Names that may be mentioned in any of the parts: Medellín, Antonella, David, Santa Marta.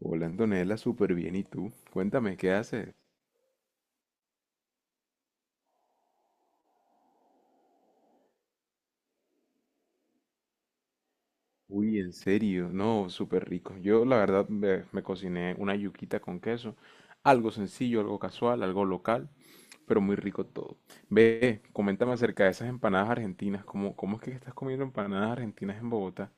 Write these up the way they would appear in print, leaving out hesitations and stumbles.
Hola Antonella, súper bien. ¿Y tú? Cuéntame, ¿qué haces? Uy, en serio, no, súper rico. Yo la verdad me cociné una yuquita con queso. Algo sencillo, algo casual, algo local, pero muy rico todo. Ve, coméntame acerca de esas empanadas argentinas. ¿Cómo es que estás comiendo empanadas argentinas en Bogotá?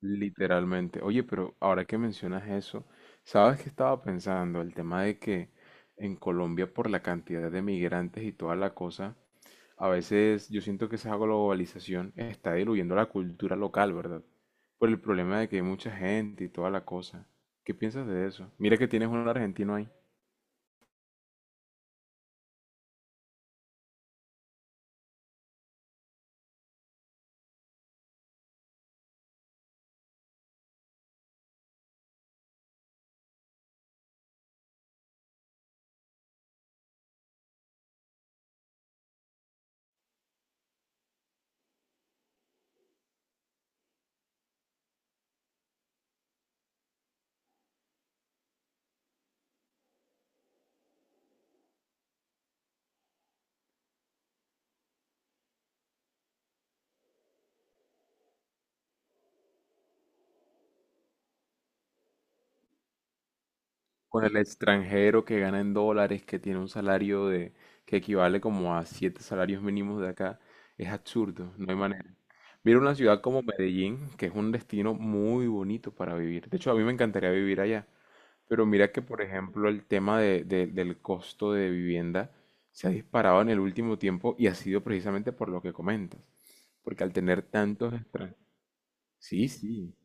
Literalmente. Oye, pero ahora que mencionas eso, ¿sabes qué estaba pensando? El tema de que en Colombia por la cantidad de migrantes y toda la cosa. A veces yo siento que esa globalización está diluyendo la cultura local, ¿verdad? Por el problema de que hay mucha gente y toda la cosa. ¿Qué piensas de eso? Mira que tienes un argentino ahí. Con el extranjero que gana en dólares, que tiene un salario de que equivale como a siete salarios mínimos de acá. Es absurdo, no hay manera. Mira una ciudad como Medellín, que es un destino muy bonito para vivir. De hecho, a mí me encantaría vivir allá. Pero mira que, por ejemplo, el tema del costo de vivienda se ha disparado en el último tiempo y ha sido precisamente por lo que comentas. Porque al tener tantos extranjeros. Sí, sí,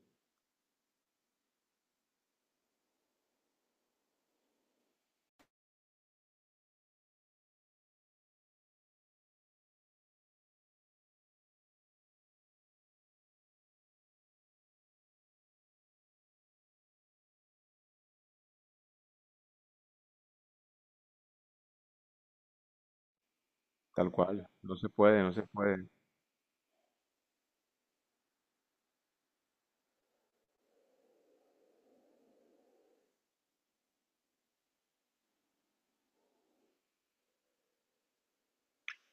tal cual. No se puede, no se puede.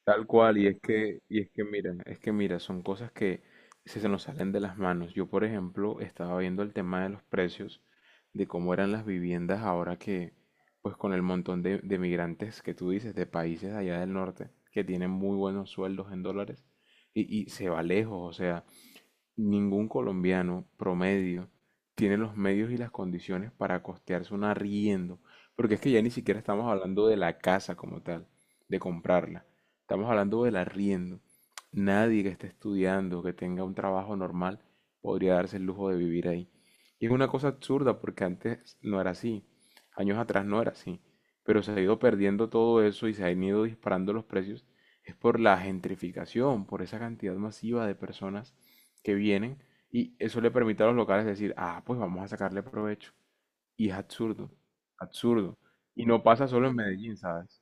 Tal cual, y es que mira, es que mira, son cosas que se nos salen de las manos. Yo, por ejemplo, estaba viendo el tema de los precios, de cómo eran las viviendas ahora que, pues con el montón de migrantes que tú dices, de países allá del norte, que tienen muy buenos sueldos en dólares, y se va lejos, o sea, ningún colombiano promedio tiene los medios y las condiciones para costearse un arriendo, porque es que ya ni siquiera estamos hablando de la casa como tal, de comprarla. Estamos hablando del arriendo. Nadie que esté estudiando, que tenga un trabajo normal, podría darse el lujo de vivir ahí. Y es una cosa absurda porque antes no era así, años atrás no era así, pero se ha ido perdiendo todo eso y se han ido disparando los precios. Es por la gentrificación, por esa cantidad masiva de personas que vienen y eso le permite a los locales decir, ah, pues vamos a sacarle provecho. Y es absurdo, absurdo. Y no pasa solo en Medellín, ¿sabes?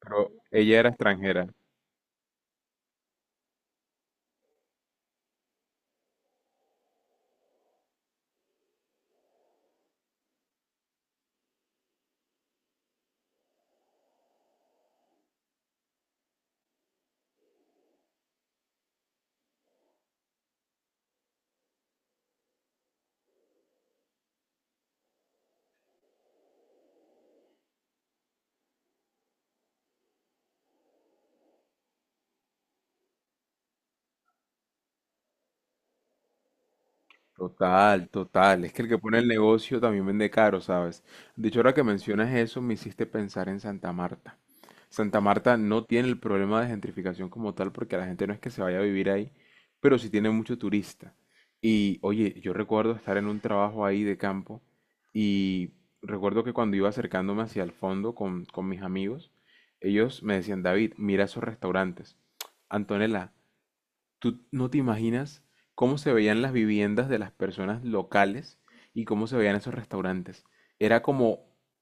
Pero ella era extranjera. Total, total. Es que el que pone el negocio también vende caro, ¿sabes? De hecho, ahora que mencionas eso, me hiciste pensar en Santa Marta. Santa Marta no tiene el problema de gentrificación como tal, porque la gente no es que se vaya a vivir ahí, pero sí tiene mucho turista. Y oye, yo recuerdo estar en un trabajo ahí de campo y recuerdo que cuando iba acercándome hacia el fondo con mis amigos, ellos me decían, David, mira esos restaurantes. Antonella, tú no te imaginas cómo se veían las viviendas de las personas locales y cómo se veían esos restaurantes. Era como,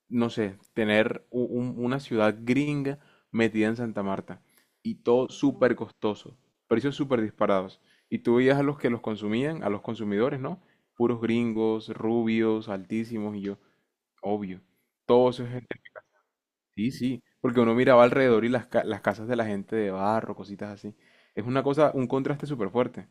no sé, tener una ciudad gringa metida en Santa Marta. Y todo súper costoso, precios súper disparados. Y tú veías a los que los consumían, a los consumidores, ¿no? Puros gringos, rubios, altísimos, y yo, obvio. Todo eso es gente. Sí, sí. Porque uno miraba alrededor y las casas de la gente de barro, cositas así. Es una cosa, un contraste súper fuerte.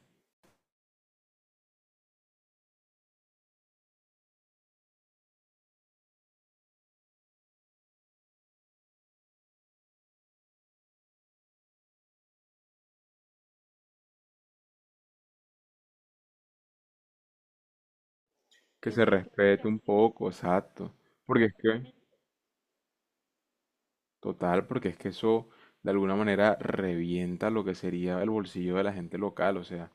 Que se respete un poco, exacto. Porque es que, total, porque es que eso de alguna manera revienta lo que sería el bolsillo de la gente local. O sea,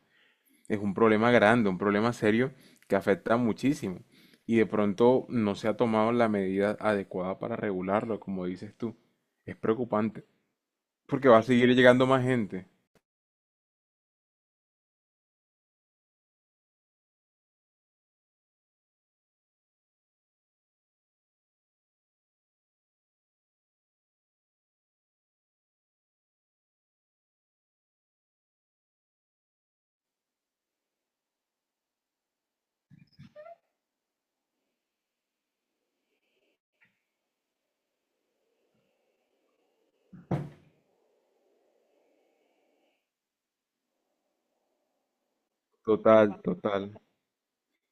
es un problema grande, un problema serio que afecta muchísimo. Y de pronto no se ha tomado la medida adecuada para regularlo, como dices tú. Es preocupante, porque va a seguir llegando más gente. Total, total.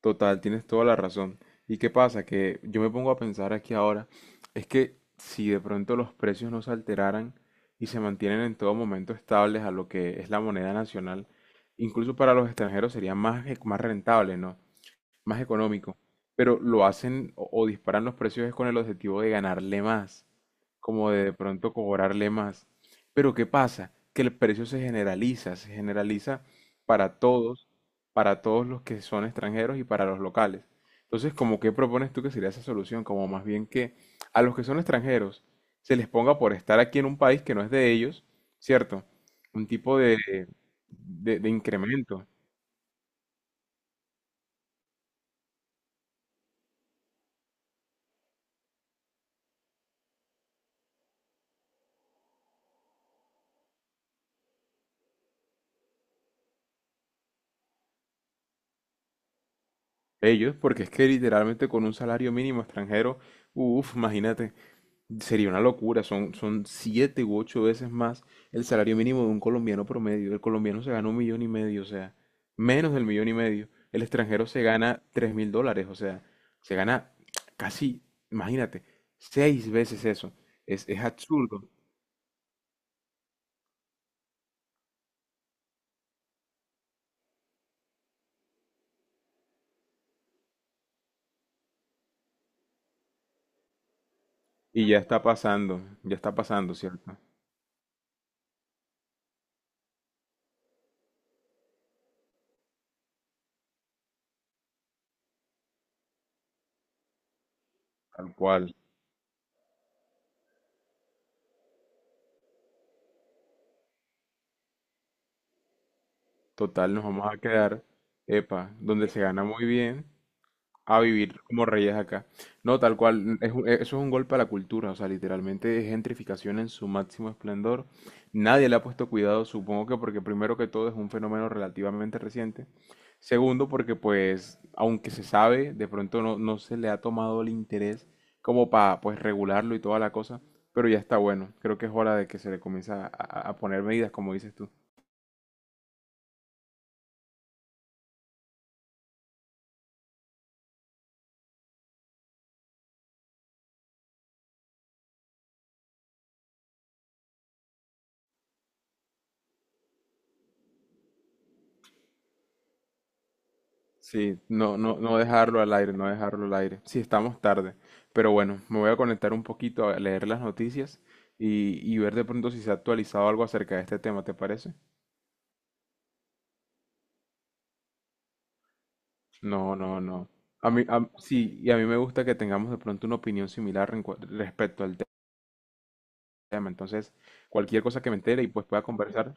Total, tienes toda la razón. ¿Y qué pasa? Que yo me pongo a pensar aquí ahora, es que si de pronto los precios no se alteraran y se mantienen en todo momento estables a lo que es la moneda nacional, incluso para los extranjeros sería más rentable, ¿no? Más económico. Pero lo hacen o disparan los precios es con el objetivo de ganarle más como de pronto cobrarle más. Pero ¿qué pasa? Que el precio se generaliza para todos, para todos los que son extranjeros y para los locales. Entonces, ¿como qué propones tú que sería esa solución? Como más bien que a los que son extranjeros se les ponga por estar aquí en un país que no es de ellos, ¿cierto? Un tipo de incremento ellos, porque es que literalmente con un salario mínimo extranjero, uff, imagínate, sería una locura, son siete u ocho veces más el salario mínimo de un colombiano promedio. El colombiano se gana un millón y medio, o sea, menos del millón y medio. El extranjero se gana US$3.000, o sea, se gana casi, imagínate, seis veces eso. Es absurdo. Y ya está pasando, ¿cierto? Tal cual. Total, nos vamos a quedar, epa, donde se gana muy bien, a vivir como reyes acá. No, tal cual, eso es un golpe a la cultura, o sea, literalmente es gentrificación en su máximo esplendor. Nadie le ha puesto cuidado, supongo que porque primero que todo es un fenómeno relativamente reciente. Segundo, porque pues, aunque se sabe, de pronto no, no se le ha tomado el interés como para pues regularlo y toda la cosa, pero ya está bueno. Creo que es hora de que se le comience a poner medidas, como dices tú. Sí, no, no, no dejarlo al aire, no dejarlo al aire. Sí, estamos tarde. Pero bueno, me voy a conectar un poquito a leer las noticias y ver de pronto si se ha actualizado algo acerca de este tema, ¿te parece? No, no, no. A mí, sí, y a mí me gusta que tengamos de pronto una opinión similar en respecto al tema. Entonces, cualquier cosa que me entere y pues pueda conversar,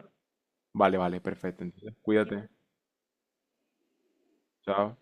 vale, vale, perfecto. Entonces, cuídate. Chao.